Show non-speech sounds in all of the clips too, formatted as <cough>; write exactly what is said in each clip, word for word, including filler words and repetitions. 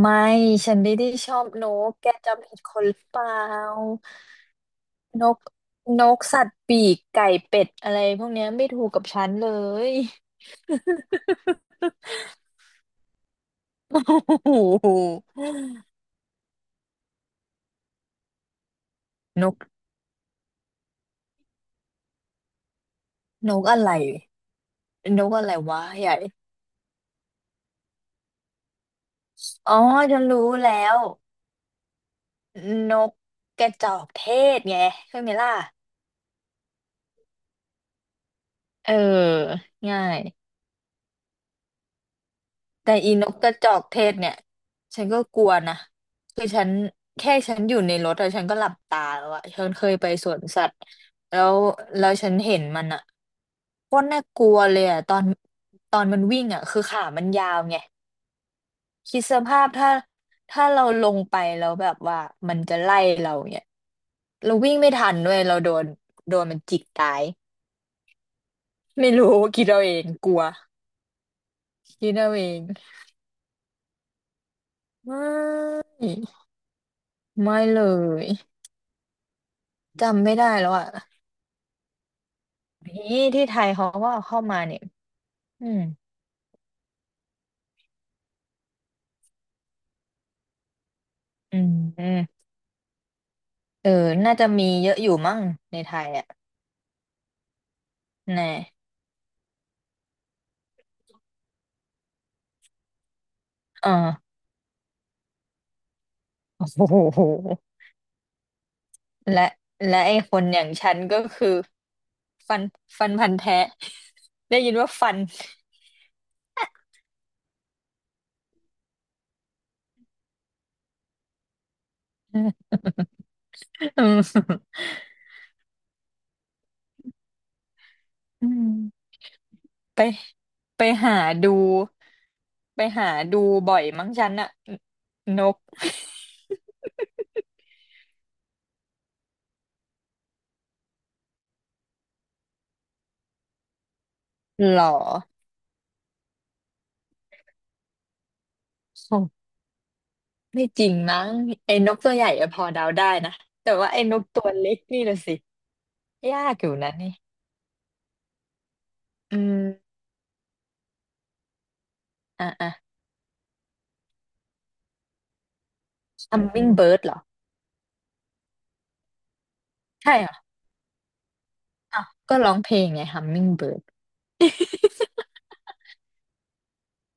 ไม่ฉันไม่ได้ชอบนกแกจำผิดคนหรือเปล่านกนกสัตว์ปีกไก่เป็ดอะไรพวกเนี้ยไม่ถูกกับฉันเลย <laughs> โอ้โหนกนกอะไรนกอะไรวะใหญ่อ๋อฉันรู้แล้วนกกระจอกเทศไงใช่ไหมล่ะเออง่าย แต่อีนกกระจอกเทศเนี่ยฉันก็กลัวนะคือฉันแค่ฉันอยู่ในรถอะฉันก็หลับตาแล้วอะฉันเคยไปสวนสัตว์แล้วแล้วฉันเห็นมันอะโคตรน่ากลัวเลยอะตอนตอนมันวิ่งอะคือขามันยาวไงคิดสภาพถ้าถ้าเราลงไปแล้วแบบว่ามันจะไล่เราเนี่ยเราวิ่งไม่ทันด้วยเราโดนโดนมันจิกตายไม่รู้คิดเอาเองกลัวคิดเอาเองไม่ไม่เลย จำไม่ได้แล้วอ่ะนี่ที่ไทยเขาก็เอาเข้ามาเนี่ยอืมอืมอืมเออน่าจะมีเยอะอยู่มั้งในไทยอ่ะแน่เออโอ้โหและและไอ้คนอย่างฉันก็คือฟันฟันพันธุ์แท้ <laughs> ได้ยินว่าฟันอืมอืมไปไปหาดูไปหาดูบ่อยมั้งฉันอะนกหรอ ไม่จริงมั้งไอ้นกตัวใหญ่อะพอเดาได้นะแต่ว่าไอ้นกตัวเล็กนี่ละสิยากอยู่นะนี่อืมอ่ะอ่ะ hummingbird เหรอใช่เหรออ้าวก็ร้องเพลงไง hummingbird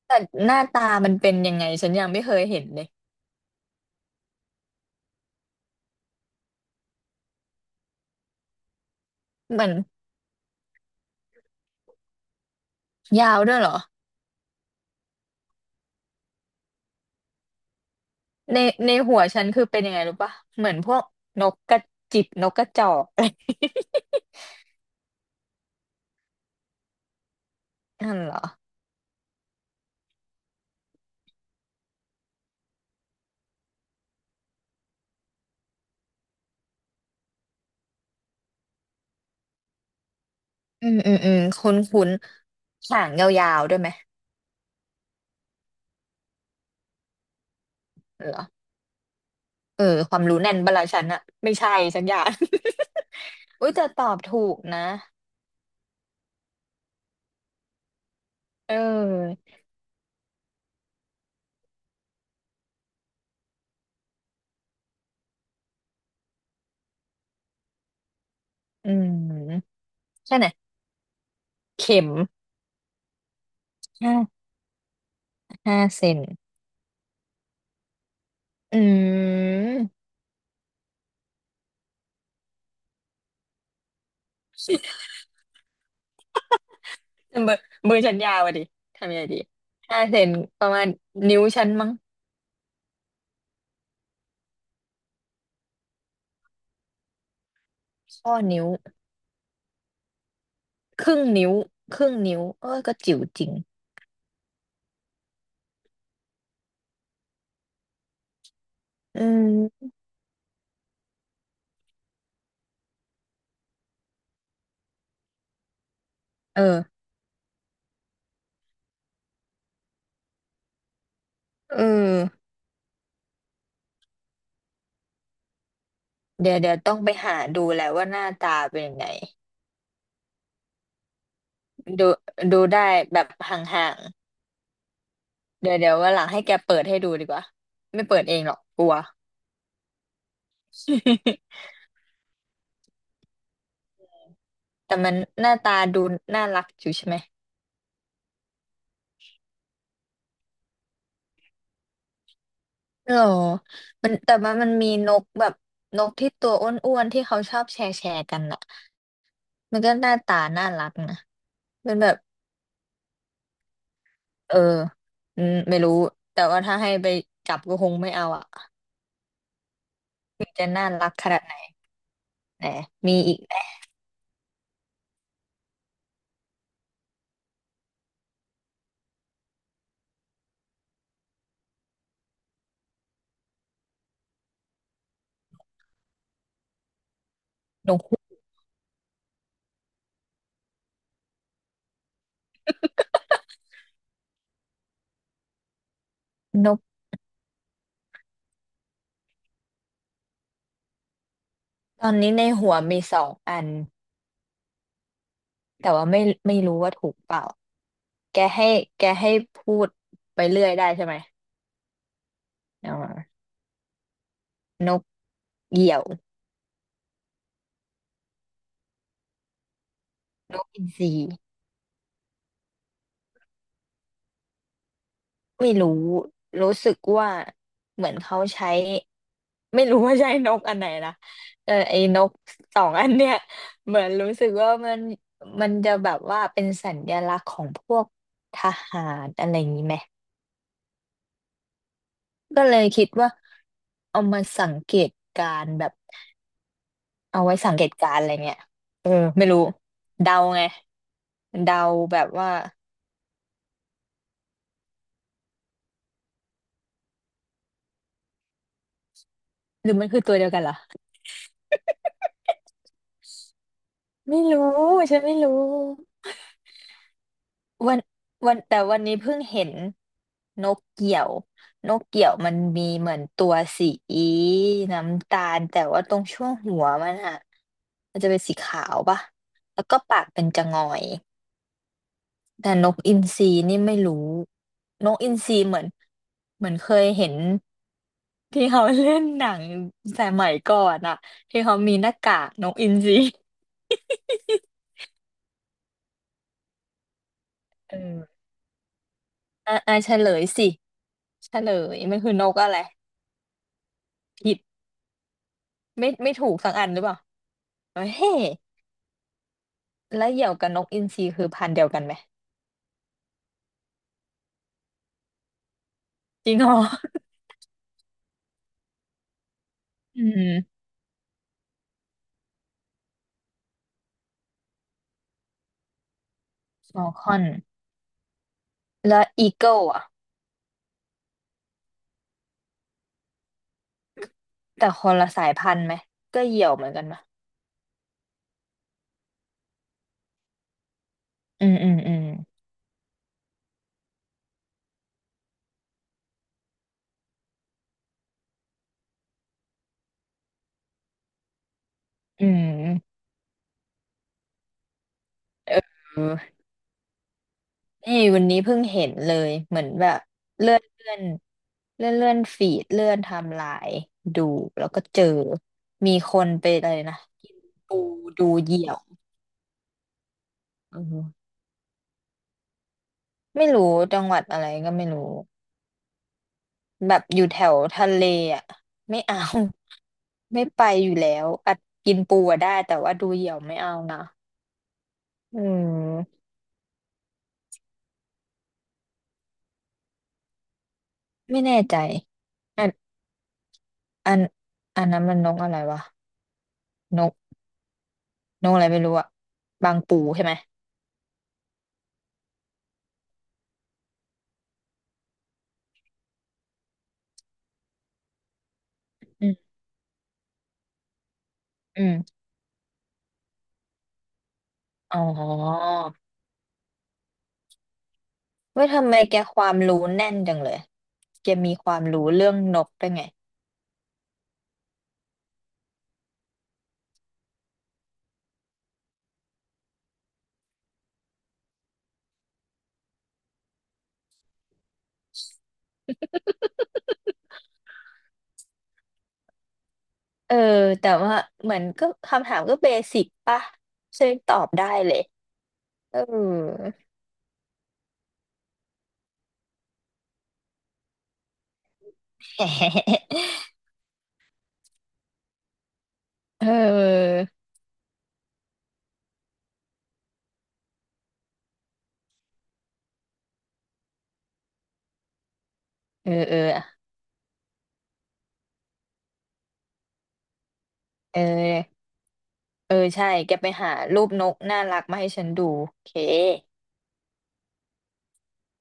แต่หน้าตามันเป็นยังไงฉันยังไม่เคยเห็นเลยมันยาวด้วยเหรอในในหัวฉันคือเป็นยังไงรู้ปะเหมือนพวกนกกระจิบนกกระจอก <laughs> นั่นเหรออืมอืมอืมคุ้นคุ้นหางยาวๆด้วยไหมเหรอเออความรู้แน่นบลาฉันอะไม่ใช่สักอย่าง อุ้ยแต่ตอบถูกนะเอออืมใช่ไหมเข็มห้าห้าเซนอืม <laughs> เบอร์เบอร์ฉันยาวอะดิทำยังไงดีห้าเซนประมาณนิ้วฉันมั้งข้อนิ้วครึ่งนิ้วครึ่งนิ้วเออก็จิ๋วจริงอืมเออเออเดี๋ยวเดี๋ยวต้องไปหาดูแหละว่าหน้าตาเป็นยังไงดูดูได้แบบห่างๆเดี๋ยวเดี๋ยววันหลังให้แกเปิดให้ดูดีกว่าไม่เปิดเองหรอกกลัว <laughs> แต่มันหน้าตาดูน่ารักอยู่ใช่ไหมหรอมันแต่ว่ามันมีนกแบบนกที่ตัวอ้วนๆที่เขาชอบแชร์แชร์กันอะมันก็หน้าตาน่ารักนะมันแบบเอออืมไม่รู้แต่ว่าถ้าให้ไปจับก็คงไม่เอาอ่ะมันจะน่ารักขนาดไหนแหนมีอีกไหมนกฮูกนกตอนนี้ในหัวมีสองอันแต่ว่าไม่ไม่รู้ว่าถูกเปล่าแกให้แกให้พูดไปเรื่อยได้ใช่ไหมเอ่นกเหยี่ยวนกอินทรี ไม่รู้รู้สึกว่าเหมือนเขาใช้ไม่รู้ว่าใช้นกอันไหนนะแต่ไอ้นกสองอันเนี้ยเหมือนรู้สึกว่ามันมันจะแบบว่าเป็นสัญลักษณ์ของพวกทหารอะไรอย่างนี้ไหมก็เลยคิดว่าเอามาสังเกตการณ์แบบเอาไว้สังเกตการณ์อะไรเงี้ยเออไม่รู้เดาไงเดาแบบว่าหรือมันคือตัวเดียวกันเหรอไม่รู้ฉันไม่รู้ วันวันแต่วันนี้เพิ่งเห็นนกเกี่ยวนกเกี่ยวมันมีเหมือนตัวสีน้ำตาลแต่ว่าตรงช่วงหัวมันอะมันจะเป็นสีขาวป่ะแล้วก็ปากเป็นจะงอยแต่นกอินทรีนี่ไม่รู้นกอินทรีเหมือนเหมือนเคยเห็นที่เขาเล่นหนังสมัยก่อนอะที่เขามีหน้ากากนกอินทรีเออ <laughs> อ่ะอ่าเฉลยสิเฉลยมันคือนกอะไรผิด ไม่ไม่ถูกสักอันหรือเปล่าเฮ้ยแล้วเหยี่ยวกับนกอินทรีคือพันธุ์เดียวกันไหมจริงเหรออืมฟอลคอนแล้วอีเกิลอ่ะแต่คนละสายพันธุ์ไหมก็เหยี่ยวเหมือนกันปะอืมอืมอืมอืมเออนี่วันนี้เพิ่งเห็นเลยเหมือนแบบเลื่อนเลื่อนเลื่อนเลื่อนฟีดเลื่อนไทม์ไลน์ดูแล้วก็เจอมีคนไปอะไรนะกินปูดูเหยี่ยวเออไม่รู้จังหวัดอะไรก็ไม่รู้ แบบอยู่แถวทะเลอ่ะไม่เอา <laughs> ไม่ไปอยู่แล้วอัดกินปูอะได้แต่ว่าดูเหยี่ยวไม่เอานะอืมไม่แน่ใจอันอันอันนั้นมันนกอะไรวะนกนกอะไรไม่รู้อะบางปูใช่ไหมอืมอืมอ๋อเว้ยทำไมแกความรู้แน่นจังเลยแกมีความรู้เรื่องนกได้ไงเออแต่ว่าเหมือนก็คำถามก็เบสิกป่ะซึ่งตอบได้เลยเออ <laughs> เออเออ เออ เออ เออ ใช่ แกไปหารูปนกน่ารักมาให้ฉันดูโอเค